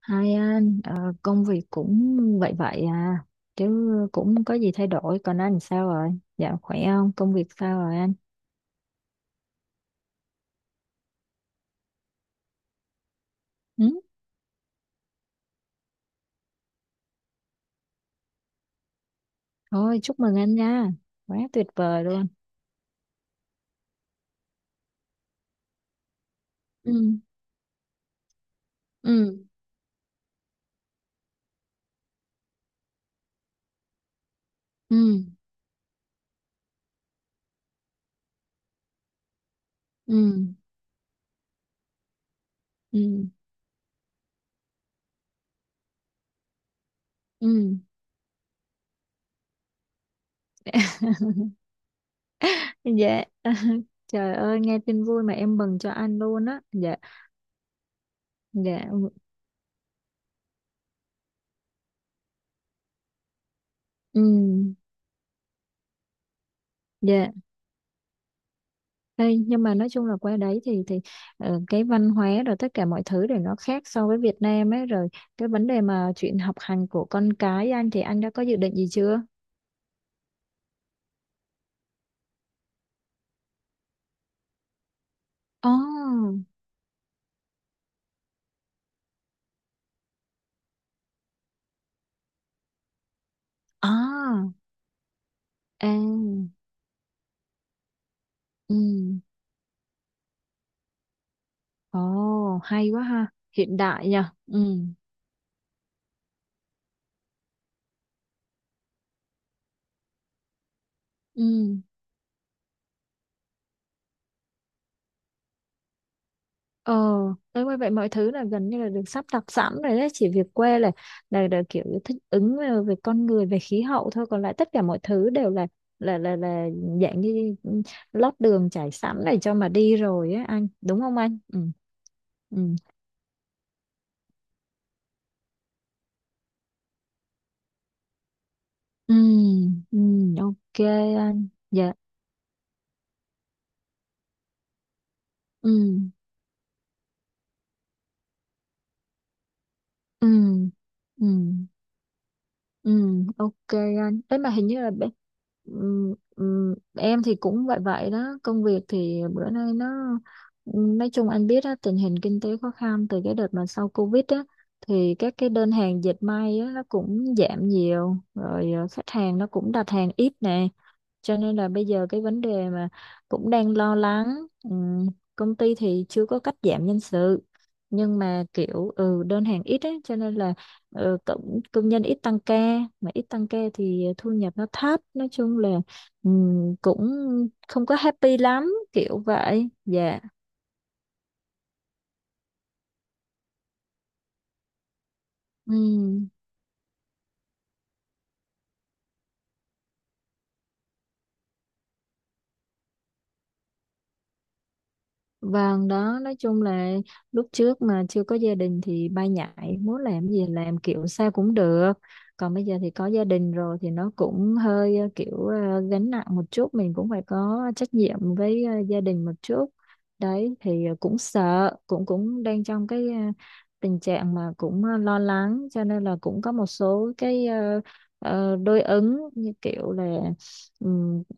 Hai anh, công việc cũng vậy vậy à, chứ cũng không có gì thay đổi. Còn anh sao rồi? Dạ khỏe không? Công việc sao rồi anh? Ừ? Thôi chúc mừng anh nha, quá tuyệt vời luôn. Ừ, ừ, ừ, ừ, ừ, ừ. Dạ, trời ơi nghe tin vui mà em mừng cho anh luôn á. Dạ, dạ, ừ, ừ, dạ. Đây, nhưng mà nói chung là qua đấy thì cái văn hóa rồi tất cả mọi thứ để nó khác so với Việt Nam ấy rồi cái vấn đề mà chuyện học hành của con cái anh thì anh đã có dự định gì chưa? Ồ, à, à, ừ, ồ, hay quá ha, hiện đại nhỉ, ừ, ừ. Ờ, tới như vậy mọi thứ là gần như là được sắp đặt sẵn rồi đấy, chỉ việc quê là kiểu như thích ứng về về con người, về khí hậu thôi, còn lại tất cả mọi thứ đều là là dạng như lót đường trải sẵn để cho mà đi rồi á anh, đúng không anh? Ừ. Ừ. Ừ, ừ, ok anh. Dạ. Ừ. Ừ. Ừ. Ừ, ok anh. Đấy mà hình như là bé- em thì cũng vậy vậy đó. Công việc thì bữa nay nó nói chung anh biết á, tình hình kinh tế khó khăn từ cái đợt mà sau Covid á thì các cái đơn hàng dệt may á nó cũng giảm nhiều rồi khách hàng nó cũng đặt hàng ít nè cho nên là bây giờ cái vấn đề mà cũng đang lo lắng. Công ty thì chưa có cắt giảm nhân sự nhưng mà kiểu ừ đơn hàng ít ấy cho nên là ừ, công nhân ít tăng ca mà ít tăng ca thì thu nhập nó thấp nói chung là cũng không có happy lắm kiểu vậy dạ. Ừm. Vâng đó, nói chung là lúc trước mà chưa có gia đình thì bay nhảy, muốn làm gì làm kiểu sao cũng được. Còn bây giờ thì có gia đình rồi thì nó cũng hơi kiểu gánh nặng một chút, mình cũng phải có trách nhiệm với gia đình một chút. Đấy thì cũng sợ, cũng cũng đang trong cái tình trạng mà cũng lo lắng cho nên là cũng có một số cái đối ứng như kiểu là. Ừ,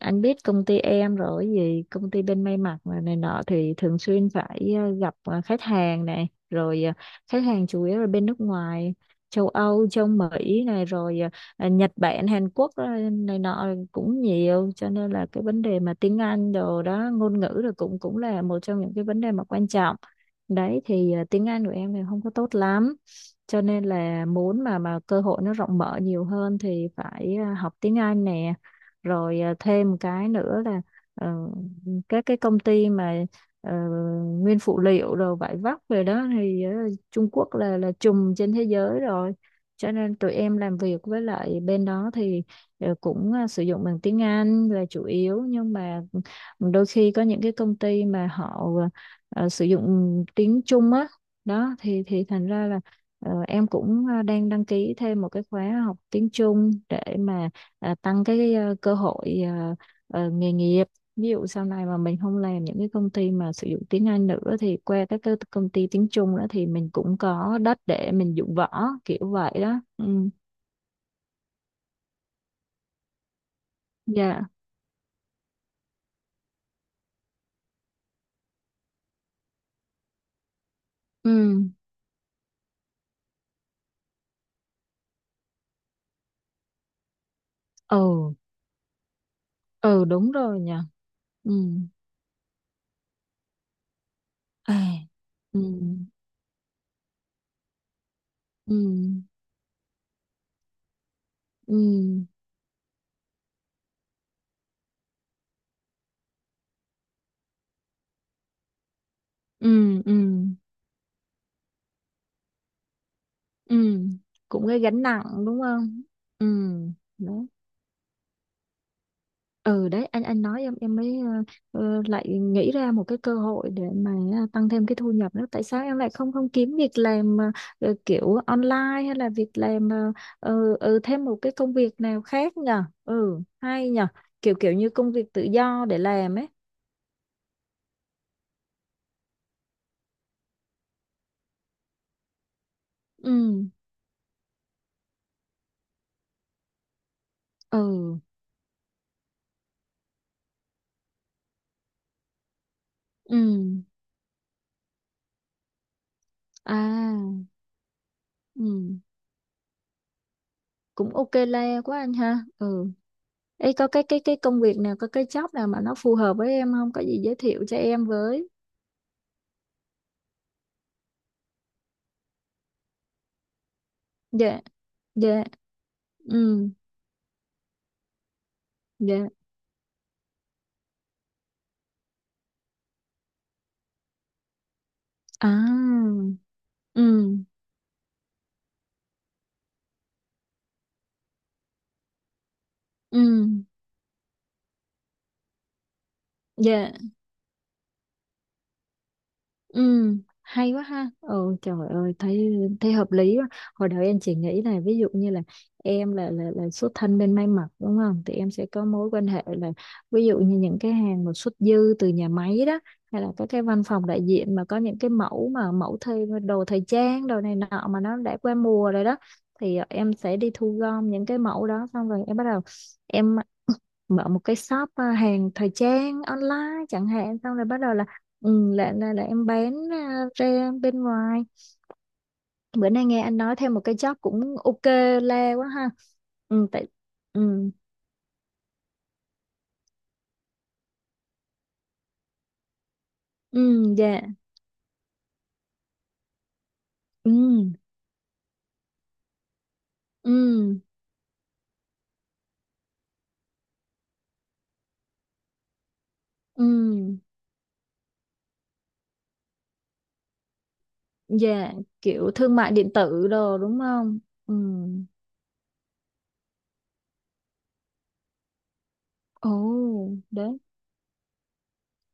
anh biết công ty em rồi cái gì công ty bên may mặc mà này nọ thì thường xuyên phải gặp khách hàng này rồi khách hàng chủ yếu là bên nước ngoài châu Âu châu Mỹ này rồi Nhật Bản Hàn Quốc này nọ cũng nhiều cho nên là cái vấn đề mà tiếng Anh đồ đó ngôn ngữ rồi cũng cũng là một trong những cái vấn đề mà quan trọng đấy thì tiếng Anh của em thì không có tốt lắm cho nên là muốn mà cơ hội nó rộng mở nhiều hơn thì phải học tiếng Anh nè rồi à, thêm một cái nữa là ờ, các cái công ty mà ờ, nguyên phụ liệu rồi vải vóc rồi đó thì Trung Quốc là trùm trên thế giới rồi cho nên tụi em làm việc với lại bên đó thì cũng sử dụng bằng tiếng Anh là chủ yếu nhưng mà đôi khi có những cái công ty mà họ sử dụng tiếng Trung á đó thì thành ra là em cũng đang đăng ký thêm một cái khóa học tiếng Trung để mà à, tăng cái cơ hội nghề nghiệp ví dụ sau này mà mình không làm những cái công ty mà sử dụng tiếng Anh nữa thì qua các cái công ty tiếng Trung nữa thì mình cũng có đất để mình dụng võ kiểu vậy đó. Ừ dạ ừ ừ ừ đúng rồi nhỉ ừ à. Ừ ừ ừ ừ ừ ừ cũng cái gánh nặng đúng không ừ đó ừ đấy anh nói em mới lại nghĩ ra một cái cơ hội để mà à, tăng thêm cái thu nhập nữa tại sao em lại không không kiếm việc làm kiểu online hay là việc làm ừ, thêm một cái công việc nào khác nhờ ừ hay nhờ kiểu kiểu như công việc tự do để làm ấy ừ ừ ừ à ừ cũng ok le quá anh ha ừ ấy có cái cái công việc nào có cái job nào mà nó phù hợp với em không có gì giới thiệu cho em với dạ dạ ừ dạ à ừ ừ dạ ừ hay quá ha ừ trời ơi thấy thấy hợp lý quá hồi đầu em chỉ nghĩ là ví dụ như là em là xuất thân bên may mặc đúng không thì em sẽ có mối quan hệ là ví dụ như những cái hàng mà xuất dư từ nhà máy đó hay là các cái văn phòng đại diện mà có những cái mẫu mà mẫu thời đồ thời trang đồ này nọ mà nó đã qua mùa rồi đó thì em sẽ đi thu gom những cái mẫu đó xong rồi em bắt đầu em mở một cái shop à, hàng thời trang online chẳng hạn xong rồi bắt đầu là ừ, là em bán à, ra bên ngoài bữa nay nghe anh nói thêm một cái job cũng ok le quá ha ừ tại ừ ừ dạ ừ ừ ừ dạ kiểu thương mại điện tử đồ đúng không ừ ồ đấy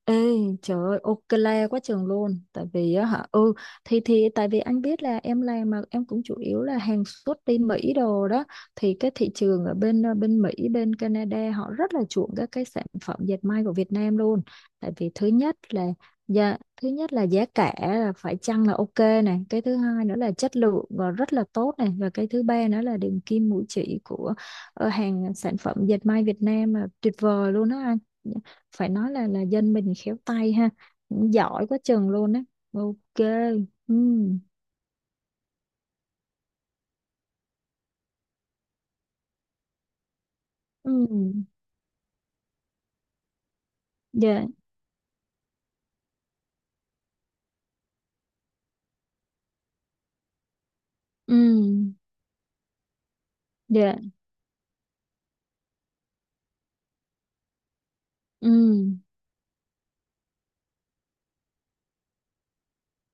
Ê, trời ơi, ok quá trường luôn. Tại vì á hả, ừ, thì tại vì anh biết là em làm mà em cũng chủ yếu là hàng xuất đi Mỹ đồ đó. Thì cái thị trường ở bên bên Mỹ, bên Canada họ rất là chuộng các cái sản phẩm dệt may của Việt Nam luôn. Tại vì thứ nhất là giá, thứ nhất là giá cả là phải chăng là ok này. Cái thứ hai nữa là chất lượng và rất là tốt này. Và cái thứ ba nữa là đường kim mũi chỉ của hàng sản phẩm dệt may Việt Nam là tuyệt vời luôn đó anh phải nói là dân mình khéo tay ha giỏi quá chừng luôn á ok ừ ừ dạ ừ dạ ừ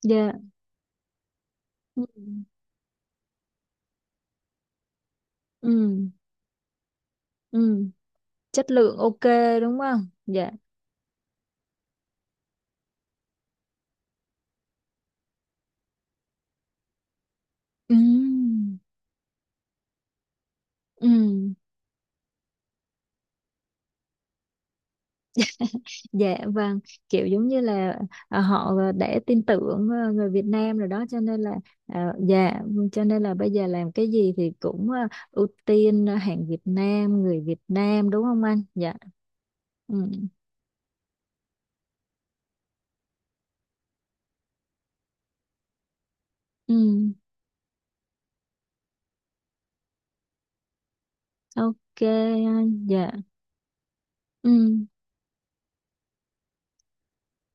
dạ ừ ừ ừ chất lượng ok đúng không dạ ừ ừ Dạ vâng, kiểu giống như là à, họ đã tin tưởng à, người Việt Nam rồi đó cho nên là à, dạ vâng, cho nên là bây giờ làm cái gì thì cũng à, ưu tiên à, hàng Việt Nam, người Việt Nam đúng không anh? Dạ. Ừ. Ừ. Ok anh. Dạ. Ừ.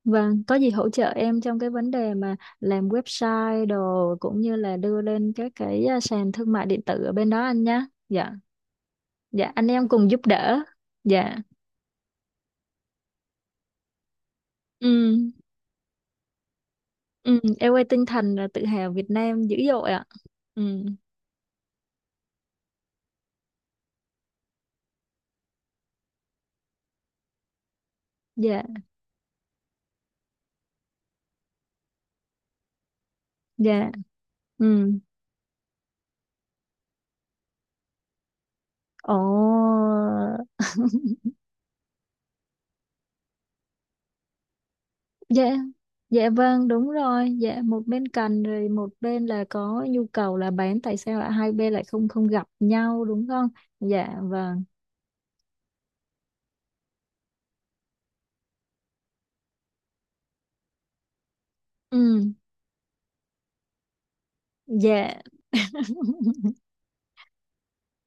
Vâng, có gì hỗ trợ em trong cái vấn đề mà làm website đồ cũng như là đưa lên các cái à, sàn thương mại điện tử ở bên đó anh nhá. Dạ. Dạ anh em cùng giúp đỡ. Dạ. Ừ. Ừ, em quay tinh thần là tự hào Việt Nam dữ dội ạ. Ừ, dạ, dạ, ừ, ồ, dạ, dạ vâng, đúng rồi, dạ, một bên cần rồi một bên là có nhu cầu là bán, tại sao lại hai bên lại không không gặp nhau đúng không? Dạ, vâng, ừ, dạ,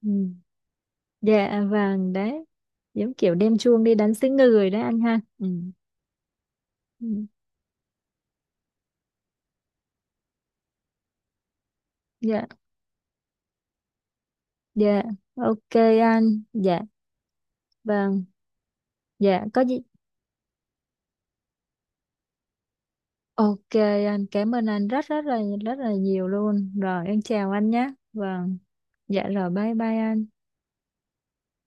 ừ, dạ, vâng, đấy, giống kiểu đem chuông đi đánh xứ người đấy anh ha. Ừ, ừ, dạ, dạ, ok anh, dạ, vâng. Dạ có gì ok anh cảm ơn anh rất rất là nhiều luôn. Rồi em chào anh nhé. Vâng. Dạ rồi bye bye anh.